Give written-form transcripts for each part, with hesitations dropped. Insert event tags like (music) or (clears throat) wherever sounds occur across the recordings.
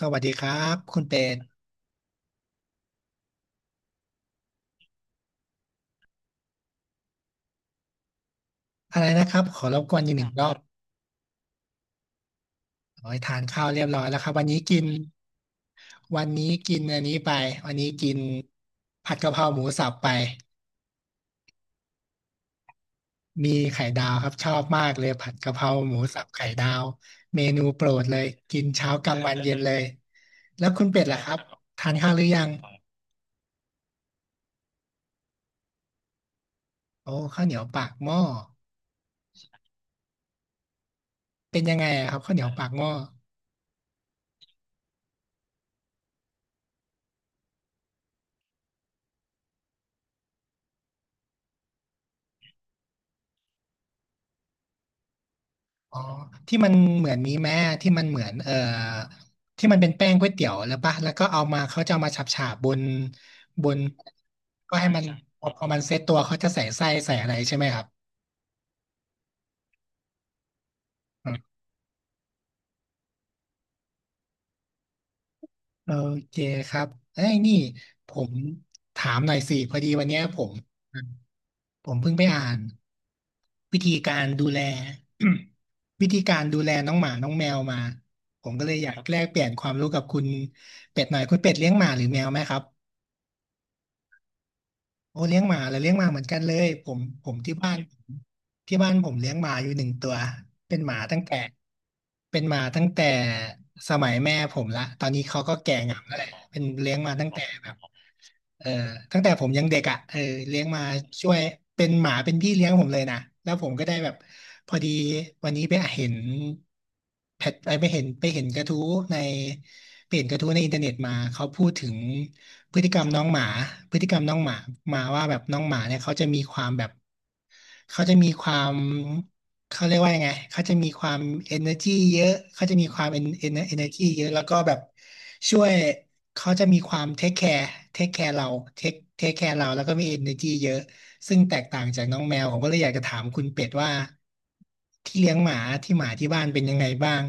สวัสดีครับคุณเป็นอะไรนะครับขอรบกวนอีกหนึ่งรอบขอใหทานข้าวเรียบร้อยแล้วครับวันนี้กินอันนี้ไปวันนี้กินผัดกะเพราหมูสับไปมีไข่ดาวครับชอบมากเลยผัดกะเพราหมูสับไข่ดาวเมนูโปรดเลยกินเช้ากลางวันเย็นเลยแล้วคุณเป็ดล่ะครับทานข้าวหรือยังโอ้ข้าวเหนียวปากหม้อเป็นยังไงอะครับข้าวเหนียวปากหม้อ อ๋อที่มันเหมือนนี้แม่ที่มันเหมือนที่มันเป็นแป้งก๋วยเตี๋ยวแล้วปะแล้วก็เอามาเขาจะเอามาฉาบฉาบบนบนก็ให้มันพอมันเซตตัวเขาจะใส่ไส้ใส่อะไรใช่ไหมครับอืมโอเคครับเอ้ยนี่ผมถามหน่อยสิพอดีวันเนี้ยผมเพิ่งไปอ่านวิธีการดูแล (coughs) (clears throat) วิธีการดูแลน้องหมาน้องแมวมาผมก็เลยอยากแลกเปลี่ยนความรู้กับคุณเป็ดหน่อยคุณเป็ดเลี้ยงหมาหรือแมวไหมครับ โอ้เลี้ยงหมาแล้วเลี้ยงหมาเหมือนกันเลยผมที่บ้านที่บ้านผมเลี้ยงหมาอยู่หนึ่งตัวเป็นหมาตั้งแต่เป็นหมาตั้งแต่สมัยแม่ผมละตอนนี้เขาก็แก่งามแล้วแหละเป็นเลี้ยงมาตั้งแต่แบบ เออตั้งแต่ผมยังเด็กอ่ะเออเลี้ยงมาช่วยเป็นหมาเป็นพี่เลี้ยงผมเลยนะ แล้วผมก็ได้แบบพอดีวันนี้ไปเห็นแพทไปเห็นกระทู้ในไปเห็นกระทู้ในอินเทอร์เน็ตมาเขาพูดถึงพฤติกรรมน้องหมาพฤติกรรมน้องหมามาว่าแบบน้องหมาเนี่ยเขาจะมีความแบบเขาจะมีความ เขาเรียกว่ายังไงเขาจะมีความ energy เยอะเขาจะมีความ energy เยอะ แล้วก็แบบช่วยเขาจะมีความ take care take care เรา take care เรา แล้วก็มี energy เยอะ ซึ่งแตกต่างจากน้องแมว ผมก็เลยอยากจะถามคุณเป็ดว่าที่เลี้ยงหมา ที่หมาที่บ้านเป็นยังไงบ้าง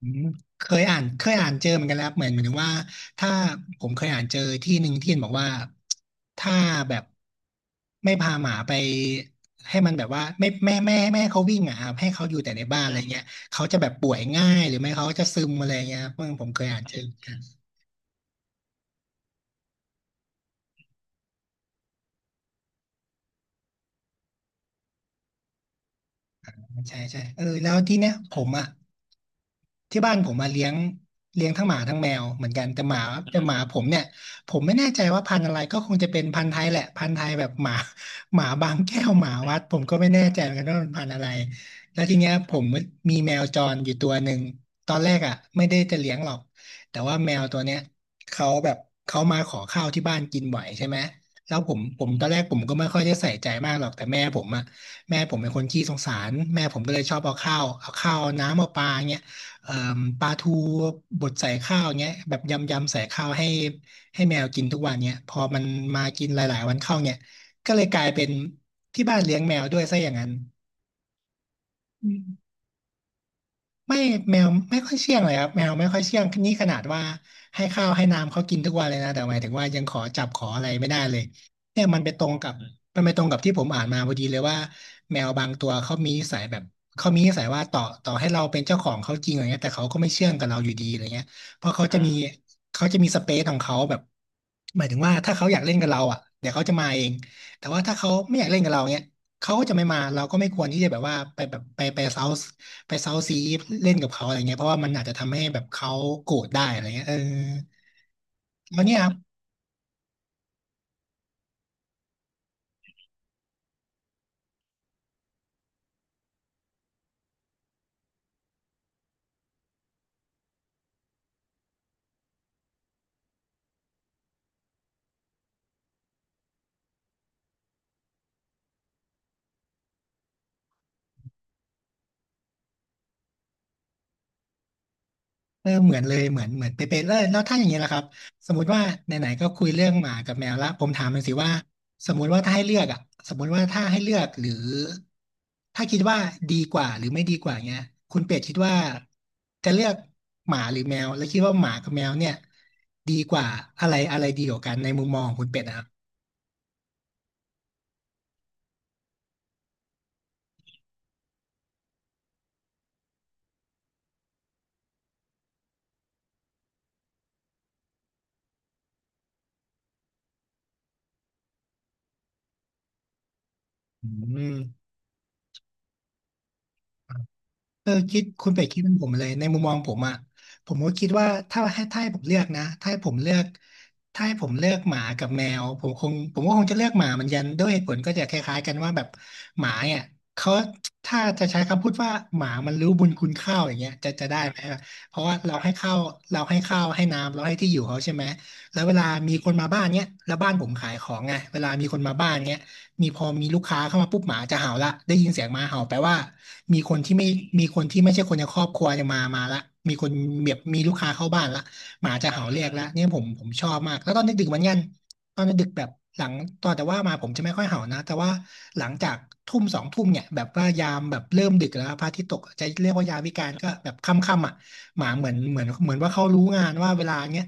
อืมเคยอ่านเจอเหมือนกันแล้วครับเหมือนถึงว่าถ้าผมเคยอ่านเจอที่หนึ่งที่เห็นบอกว่าถ้าแบบไม่พาหมาไปให้มันแบบว่าไม่ให้เขาวิ่งอ่ะครับให้เขาอยู่แต่ในบ้านอะไรเงี้ยเขาจะแบบป่วยง่ายหรือไม่เขาจะซึมอะไรเงี้ยครับเพิ่งผมเคยอ่านเจอ ใช่ใช่เออแล้วที่เนี้ยผมอ่ะที่บ้านผมมาเลี้ยงเลี้ยงทั้งหมาทั้งแมวเหมือนกันแต่หมาผมเนี่ยผมไม่แน่ใจว่าพันธุ์อะไรก็คงจะเป็นพันธุ์ไทยแหละพันธุ์ไทยแบบหมา (laughs) หมาบางแก้วหมาวัดผมก็ไม่แน่ใจเหมือนกันว่ามันพันธุ์อะไรแล้วทีเนี้ยผมมีแมวจรอยู่ตัวหนึ่งตอนแรกอ่ะไม่ได้จะเลี้ยงหรอกแต่ว่าแมวตัวเนี้ยเขาแบบเขามาขอข้าวที่บ้านกินบ่อยใช่ไหมแล้วผมตอนแรกผมก็ไม่ค่อยได้ใส่ใจมากหรอกแต่แม่ผมอ่ะ แม่ผมเป็นคนขี้สงสาร แม่ผมก็เลยชอบเอาข้าวเอาน้ำเอาปลาเงี้ยเอ่มปลาทูบดใส่ข้าวเงี้ยแบบยำยำใส่ข้าวให้แมวกินทุกวันเนี้ยพอมันมากินหลายๆวันเข้าเนี่ยก็เลยกลายเป็นที่บ้านเลี้ยงแมวด้วยซะอย่างนั้น ไม่แมวไม่ค่อยเชื่องเลยครับแมวไม่ค่อยเชื่องนี่ขนาดว่าให้ข้าวให้น้ำเขากินทุกวันเลยนะแต่หมายถึงว่ายังขอจับขออะไรไม่ได้เลยเนี่ยมันไปตรงกับมันไปตรงกับที่ผมอ่านมาพอดีเลยว่าแมวบางตัวเขามีนิสัยแบบเขามีนิสัยว่าต่อให้เราเป็นเจ้าของเขาจริงอะไรเงี้ยแต่เขาก็ไม่เชื่องกับเราอยู่ดีอะไรเงี้ยเพราะเขาจะมีเขาจะมีสเปซของเขาแบบหมายถึงว่าถ้าเขาอยากเล่นกับเราอ่ะเดี๋ยวเขาจะมาเองแต่ว่าถ้าเขาไม่อยากเล่นกับเราเนี้ยเขาก็จะไม่มาเราก็ไม่ควรที่จะแบบว่าไปแบบไปเซา ไปเซาซีเล่นกับเขาอะไรเงี้ยเพราะว่ามันอาจจะทำให้แบบเขาโกรธได้อะไรเงี้ยเออแล้วเนี่ยครับเออเหมือนเลยเหมือนเป๊ะๆแล้วถ้าอย่างเงี้ยล่ะครับสมมุติว่าไหนๆก็คุยเรื่องหมากับแมวละผมถามมันอยสิว่าสมมุติว่าถ้าให้เลือกอ่ะสมมุติว่าถ้าให้เลือกหรือถ้าคิดว่าดีกว่าหรือไม่ดีกว่าเงี้ยคุณเป็ดคิดว่าจะเลือกหมาหรือแมวแล้วคิดว่าหมากับแมวเนี่ยดีกว่าอะไรอะไรดีกว่ากันในมุมมองของคุณเป็ดนะครับอืม เออคิดคุณเป็ดคิดเป็นผมเลยในมุมมองผมอ่ะผมก็คิดว่าถ้าให้ผมเลือกนะถ้าให้ผมเลือกถ้าให้ผมเลือกหมากับแมวผมก็คงจะเลือกหมาเหมือนกันด้วยเหตุผลก็จะคล้ายๆกันว่าแบบหมาเนี่ยเขาถ้าจะใช้คำพูดว่าหมามันรู้บุญคุณข้าวอย่างเงี้ยจะได้ไหมเพราะว่าเราให้ข้าวเราให้ข้าวให้น้ำเราให้ที่อยู่เขาใช่ไหมแล้วเวลามีคนมาบ้านเนี้ยแล้วบ้านผมขายของไงเวลามีคนมาบ้านเนี้ย มีพอมีลูกค้าเข้ามาปุ๊บหมาจะเห่าละได้ยินเสียงหมาเห่าแปลว่ามีคนที่ไม่มีคนที่ไม่ใช่คนในครอบครัวจะมาละมีคนแบบมีลูกค้าเข้าบ้านละหมาจะเห่าเรียกละเนี่ยผมชอบมากแล้วตอนดึกๆเหมือนกันตอนดึกๆแบบหลังตอนแต่ว่ามาผมจะไม่ค่อยเห่านะแต่ว่าหลังจากทุ่มสองทุ่มเนี่ยแบบว่ายามแบบเริ่มดึกแล้วพระอาทิตย์ตกจะเรียกว่ายามวิกาลก็แบบค่ำๆอ่ะหมาเหมือนว่าเขารู้งานว่าเวลาเนี้ย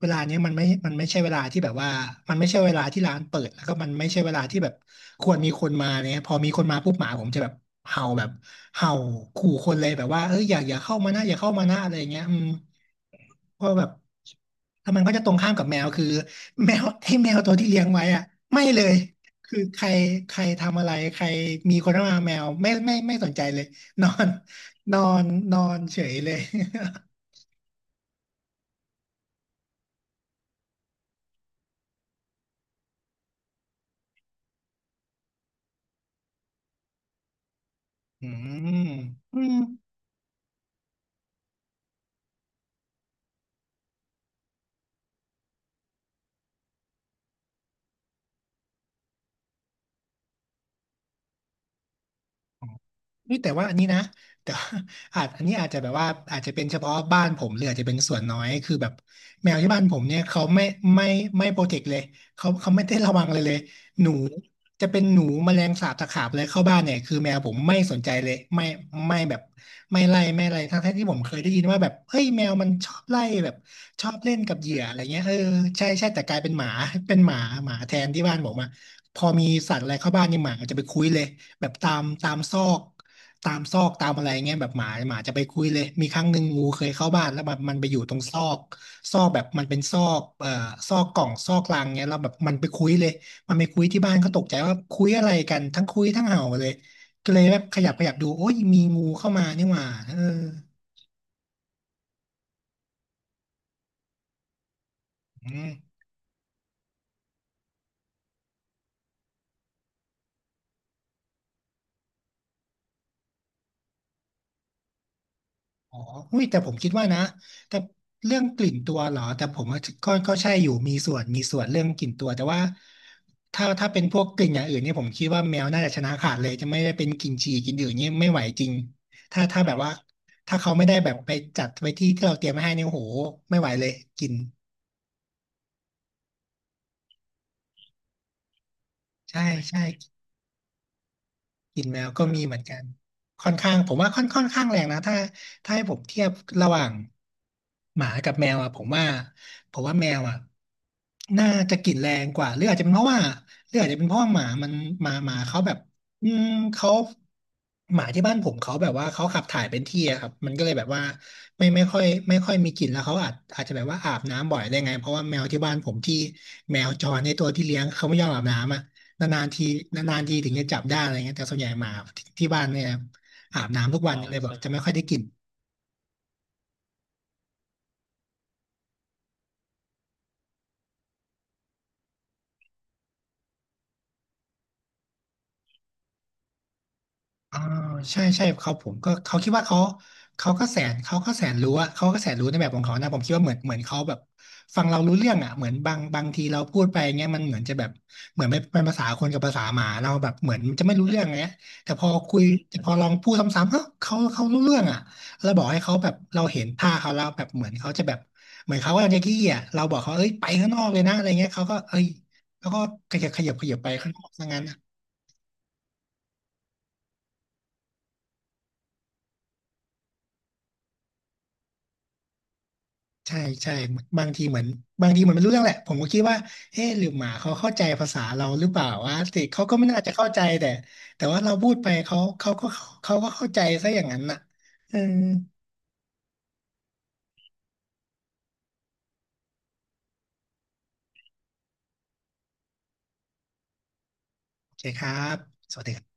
เวลาเนี้ยมันไม่ใช่เวลาที่แบบว่ามันไม่ใช่เวลาที่ร้านเปิดแล้วก็มันไม่ใช่เวลาที่แบบควรมีคนมาเนี่ยพอมีคนมาปุ๊บหมาผมจะแบบเห่าแบบเห่าขู่คนเลยแบบว่าเอ้ยอย่าเข้ามานะอย่าเข้ามานะอะไรอย่างเงี้ยอืมเพราะแบบแล้วมันก็จะตรงข้ามกับแมวคือแมว (laughs) ให้แมวตัวที่เลี้ยงไว้อะไม่เลยคือใครใครทำอะไรใครมีคนเข้ามาแมวไม่สนใจเลยนอนนอนนอนเฉยเลย (laughs) อืมอืม เฮ้ยแต่ว่าอันนี้นะแต่ (laughs) ว่าอาจอันนี้อาจจะแบบว่าอาจจะเป็นเฉพาะบ้านผมหรืออาจจะเป็นส่วนน้อยคือแบบแมวที่บ้านผมเนี่ยเขาไม่ไม่โปรเทคเลยเขาไม่ได้ระวังเลยหนูจะเป็นหนูแมลงสาบตะขาบเลยเข้าบ้านเนี่ยคือแมวผมไม่สนใจเลยไม่แบบไม่ไล่ไม่อะไรทั้งๆที่ผมเคยได้ยินว่าแบบเฮ้ยแมวมันชอบไล่แบบชอบเล่นกับเหยื่ออะไรเงี้ยเออใช่ใช่แต่กลายเป็นหมาเป็นหมาหมาแทนที่บ้านผมอะพอมีสัตว์อะไรเข้าบ้านนี่หมาจะไปคุยเลย แบบตามซอกตามซอกตามอะไรเงี้ยแบบหมาจะไปคุยเลยมีครั้งหนึ่งงูเคยเข้าบ้านแล้วแบบมันไปอยู่ตรงซอกซอกแบบมันเป็นซอกซอกกล่องซอกลังเงี้ยแล้วแบบมันไปคุยเลยมันไปคุยที่บ้านก็ตกใจว่าคุยอะไรกันทั้งคุยทั้งเห่าเลยก็เลยแบบขยับดูโอ้ยมีงูเข้ามานี่หว่าเอออืม อ๋อหุ้ยแต่ผมคิดว่านะแต่เรื่องกลิ่นตัวเหรอแต่ผมว่าก็ใช่อยู่มีส่วนเรื่องกลิ่นตัวแต่ว่าถ้าเป็นพวกกลิ่นอย่างอื่นเนี่ยผมคิดว่าแมวน่าจะชนะขาดเลยจะไม่ได้เป็นกลิ่นฉี่กลิ่นอื่นเนี่ยไม่ไหวจริงถ้าแบบว่าถ้าเขาไม่ได้แบบไปจัดไว้ที่ที่เราเตรียมไว้ให้เนี่ยโอ้โหไม่ไหวเลยกลิ่นใช่ใช่ กลิ่นแมวก็มีเหมือนกันค่อนข้างผมว่าค่อนข้างแรงนะถ้าให้ผมเทียบระหว่างหมากับแมวอ่ะผมว่าแมวอ่ะน่าจะกลิ่นแรงกว่าหรืออาจจะเป็นเพราะว่าหรืออาจจะเป็นเพราะว่าหมามันหมาเขาแบบอืมเขาหมาที่บ้านผมเขาแบบว่าเขาขับถ่ายเป็นที่อะครับมันก็เลยแบบว่าไม่ไม่ค่อยมีกลิ่นแล้วเขาอาจจะแบบว่าอาบน้ำบ่อยได้ไงเพราะว่าแมวที่บ้านผมที่แมวจรในตัวที่เลี้ยงเขาไม่ยอมอาบน้ำอะ นานๆทีนานๆทีถึงจะจับได้อะไรเงี้ยแต่ส่วนใหญ่หมาที่บ้านเนี่ยอาบน้ำทุกวันอ๋อเลยแบใชบจะไม่ค่อยได้กลิ่น อ่าใช่ใช่เขาผมก็เขาคิดว่าเขาเขาก็แสนรู้อะเขาก็แสนรู้ในแบบของเขานะผมคิดว่าเหมือนเขาแบบฟังเรารู้เรื่องอะเหมือนบางทีเราพูดไปเงี้ยมันเหมือนจะแบบเหมือนไม่เป็นภาษาคนกับภาษาหมาเราแบบเหมือนจะไม่รู้เรื่องเงี้ยแต่พอคุยแต่พอลองพูดซ้ำๆเอ้าเขารู้เรื่องอะเราบอกให้เขาแบบเราเห็นท่าเขาแล้วแบบเหมือนเขาจะแบบเหมือนเขากำลังจะขี้อะเราบอกเขาเอ้ยไปข้างนอกเลยนะอะไรเงี้ยเขาก็เอ้ยเขาก็ขยับไปข้างนอกซะงั้น ใช่ใช่บางทีเหมือนบางทีเหมือนไม่รู้เรื่องแหละผมก็คิดว่าเอ๊ะหรือหมาเขาเข้าใจภาษาเราหรือเปล่าวะแต่เขาก็ไม่น่าจะเข้าใจแต่แต่ว่าเราพูดไปเขาก็เขาก็เข้าใจซะอย่างนั้นน่ะเออโอเคครับสวัสดี